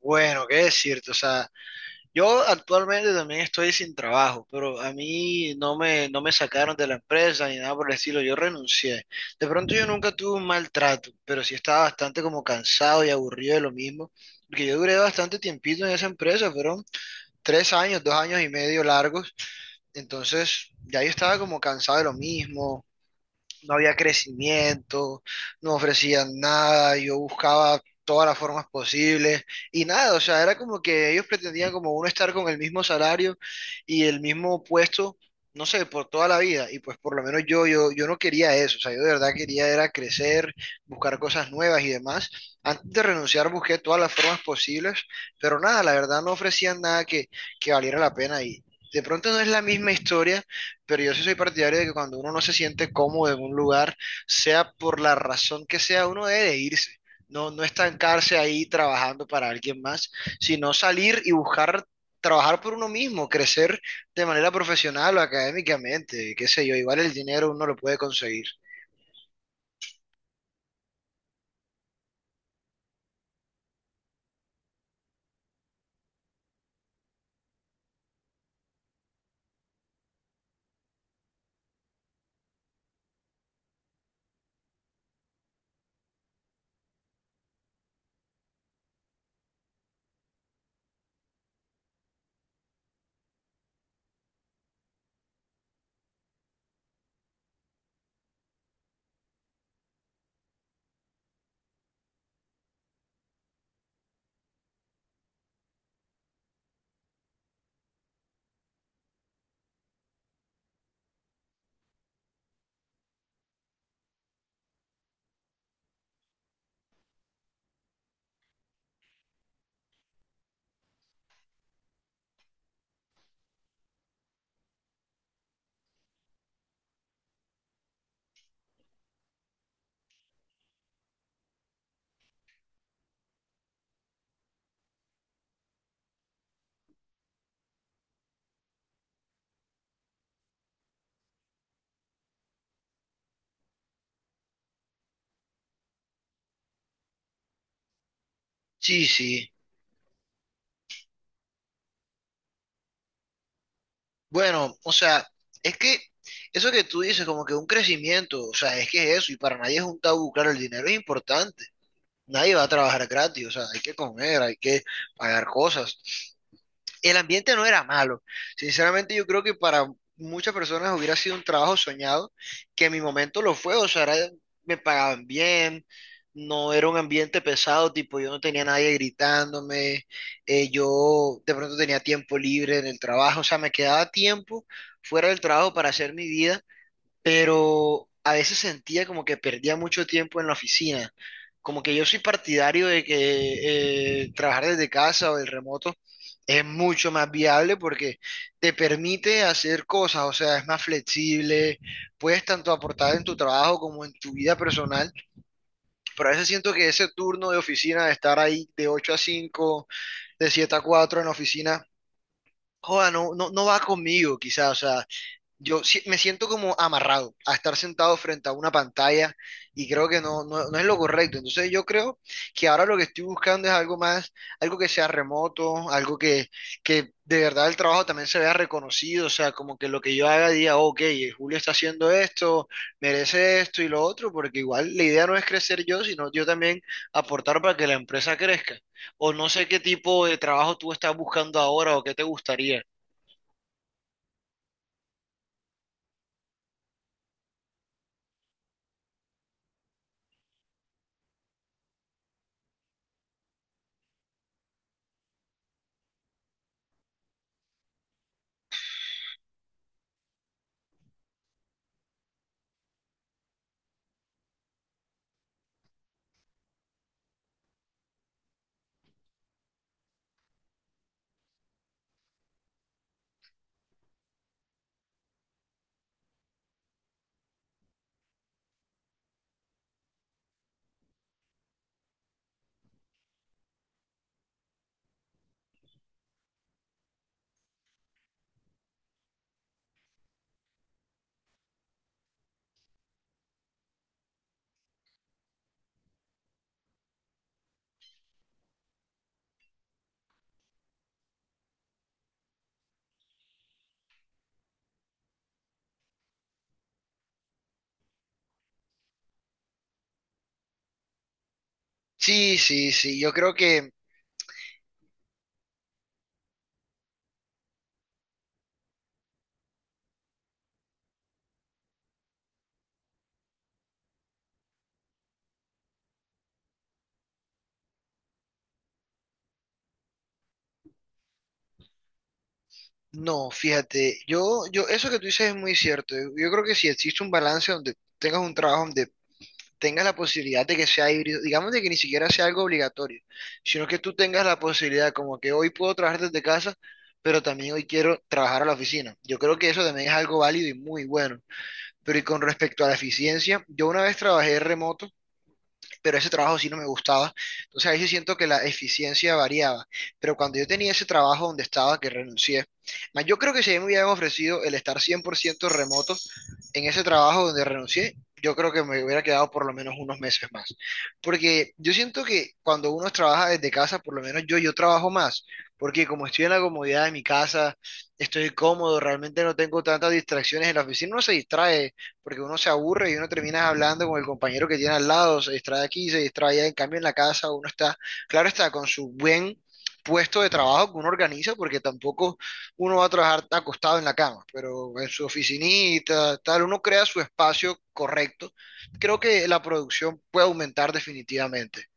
Bueno, qué decirte, o sea, yo actualmente también estoy sin trabajo, pero a mí no me sacaron de la empresa ni nada por el estilo, yo renuncié. De pronto yo nunca tuve un maltrato, pero sí estaba bastante como cansado y aburrido de lo mismo, porque yo duré bastante tiempito en esa empresa, fueron 3 años, 2 años y medio largos, entonces ya yo estaba como cansado de lo mismo, no había crecimiento, no ofrecían nada, yo buscaba todas las formas posibles y nada, o sea, era como que ellos pretendían como uno estar con el mismo salario y el mismo puesto, no sé, por toda la vida y pues por lo menos yo no quería eso, o sea, yo de verdad quería era crecer, buscar cosas nuevas y demás. Antes de renunciar busqué todas las formas posibles, pero nada, la verdad no ofrecían nada que valiera la pena y de pronto no es la misma historia pero yo sí soy partidario de que cuando uno no se siente cómodo en un lugar, sea por la razón que sea, uno debe de irse. No, no estancarse ahí trabajando para alguien más, sino salir y buscar trabajar por uno mismo, crecer de manera profesional o académicamente, qué sé yo, igual el dinero uno lo puede conseguir. Sí, sí. Bueno, o sea, es que eso que tú dices, como que un crecimiento, o sea, es que es eso, y para nadie es un tabú, claro, el dinero es importante, nadie va a trabajar gratis, o sea, hay que comer, hay que pagar cosas. El ambiente no era malo. Sinceramente, yo creo que para muchas personas hubiera sido un trabajo soñado, que en mi momento lo fue, o sea, me pagaban bien, no era un ambiente pesado, tipo, yo no tenía nadie gritándome, yo de pronto tenía tiempo libre en el trabajo, o sea, me quedaba tiempo fuera del trabajo para hacer mi vida pero a veces sentía como que perdía mucho tiempo en la oficina. Como que yo soy partidario de que trabajar desde casa o del remoto es mucho más viable porque te permite hacer cosas, o sea, es más flexible, puedes tanto aportar en tu trabajo como en tu vida personal, pero a veces siento que ese turno de oficina, de estar ahí de 8 a 5, de 7 a 4 en la oficina, joda, no, no, no va conmigo quizás, o sea, yo si- me siento como amarrado a estar sentado frente a una pantalla y creo que no, no, no es lo correcto. Entonces yo creo que ahora lo que estoy buscando es algo más, algo que sea remoto, algo que de verdad el trabajo también se vea reconocido, o sea, como que lo que yo haga diga, ok, Julio está haciendo esto, merece esto y lo otro, porque igual la idea no es crecer yo, sino yo también aportar para que la empresa crezca. O no sé qué tipo de trabajo tú estás buscando ahora o qué te gustaría. Sí, sí, sí, yo creo que no, fíjate, eso que tú dices es muy cierto. Yo creo que si existe un balance donde tengas un trabajo donde tengas la posibilidad de que sea híbrido, digamos de que ni siquiera sea algo obligatorio, sino que tú tengas la posibilidad, como que hoy puedo trabajar desde casa, pero también hoy quiero trabajar a la oficina. Yo creo que eso también es algo válido y muy bueno. Pero y con respecto a la eficiencia, yo una vez trabajé remoto pero ese trabajo sí no me gustaba. Entonces ahí sí siento que la eficiencia variaba. Pero cuando yo tenía ese trabajo donde estaba, que renuncié, más yo creo que si a mí me hubieran ofrecido el estar 100% remoto en ese trabajo donde renuncié, yo creo que me hubiera quedado por lo menos unos meses más. Porque yo siento que cuando uno trabaja desde casa, por lo menos yo trabajo más. Porque como estoy en la comodidad de mi casa, estoy cómodo, realmente no tengo tantas distracciones en la oficina, uno se distrae porque uno se aburre y uno termina hablando con el compañero que tiene al lado, se distrae aquí, se distrae allá, en cambio en la casa uno está, claro está, con su buen puesto de trabajo que uno organiza, porque tampoco uno va a trabajar acostado en la cama, pero en su oficinita, tal, uno crea su espacio correcto. Creo que la producción puede aumentar definitivamente.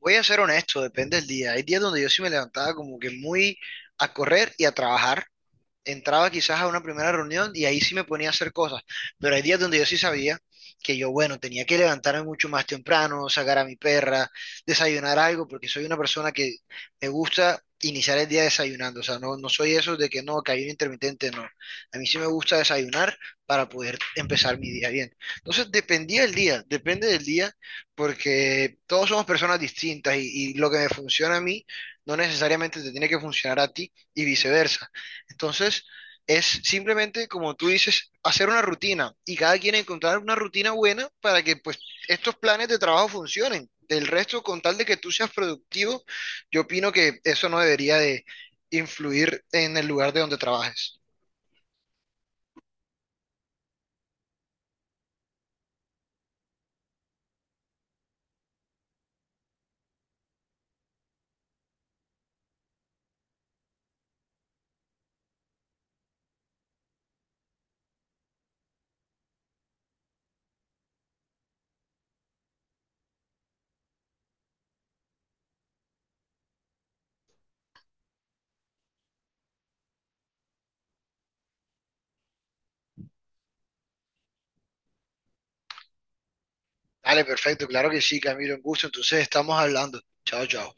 Voy a ser honesto, depende del día. Hay días donde yo sí me levantaba como que muy a correr y a trabajar, entraba quizás a una primera reunión y ahí sí me ponía a hacer cosas, pero hay días donde yo sí sabía que yo, bueno, tenía que levantarme mucho más temprano, sacar a mi perra, desayunar algo, porque soy una persona que me gusta iniciar el día desayunando, o sea, no, no soy eso de que no, que hay un intermitente, no. A mí sí me gusta desayunar para poder empezar mi día bien. Entonces, dependía del día, depende del día, porque todos somos personas distintas y lo que me funciona a mí no necesariamente te tiene que funcionar a ti y viceversa. Entonces, es simplemente, como tú dices, hacer una rutina y cada quien encontrar una rutina buena para que pues estos planes de trabajo funcionen. Del resto, con tal de que tú seas productivo, yo opino que eso no debería de influir en el lugar de donde trabajes. Vale, perfecto, claro que sí, Camilo, un gusto. Entonces, estamos hablando. Chao, chao.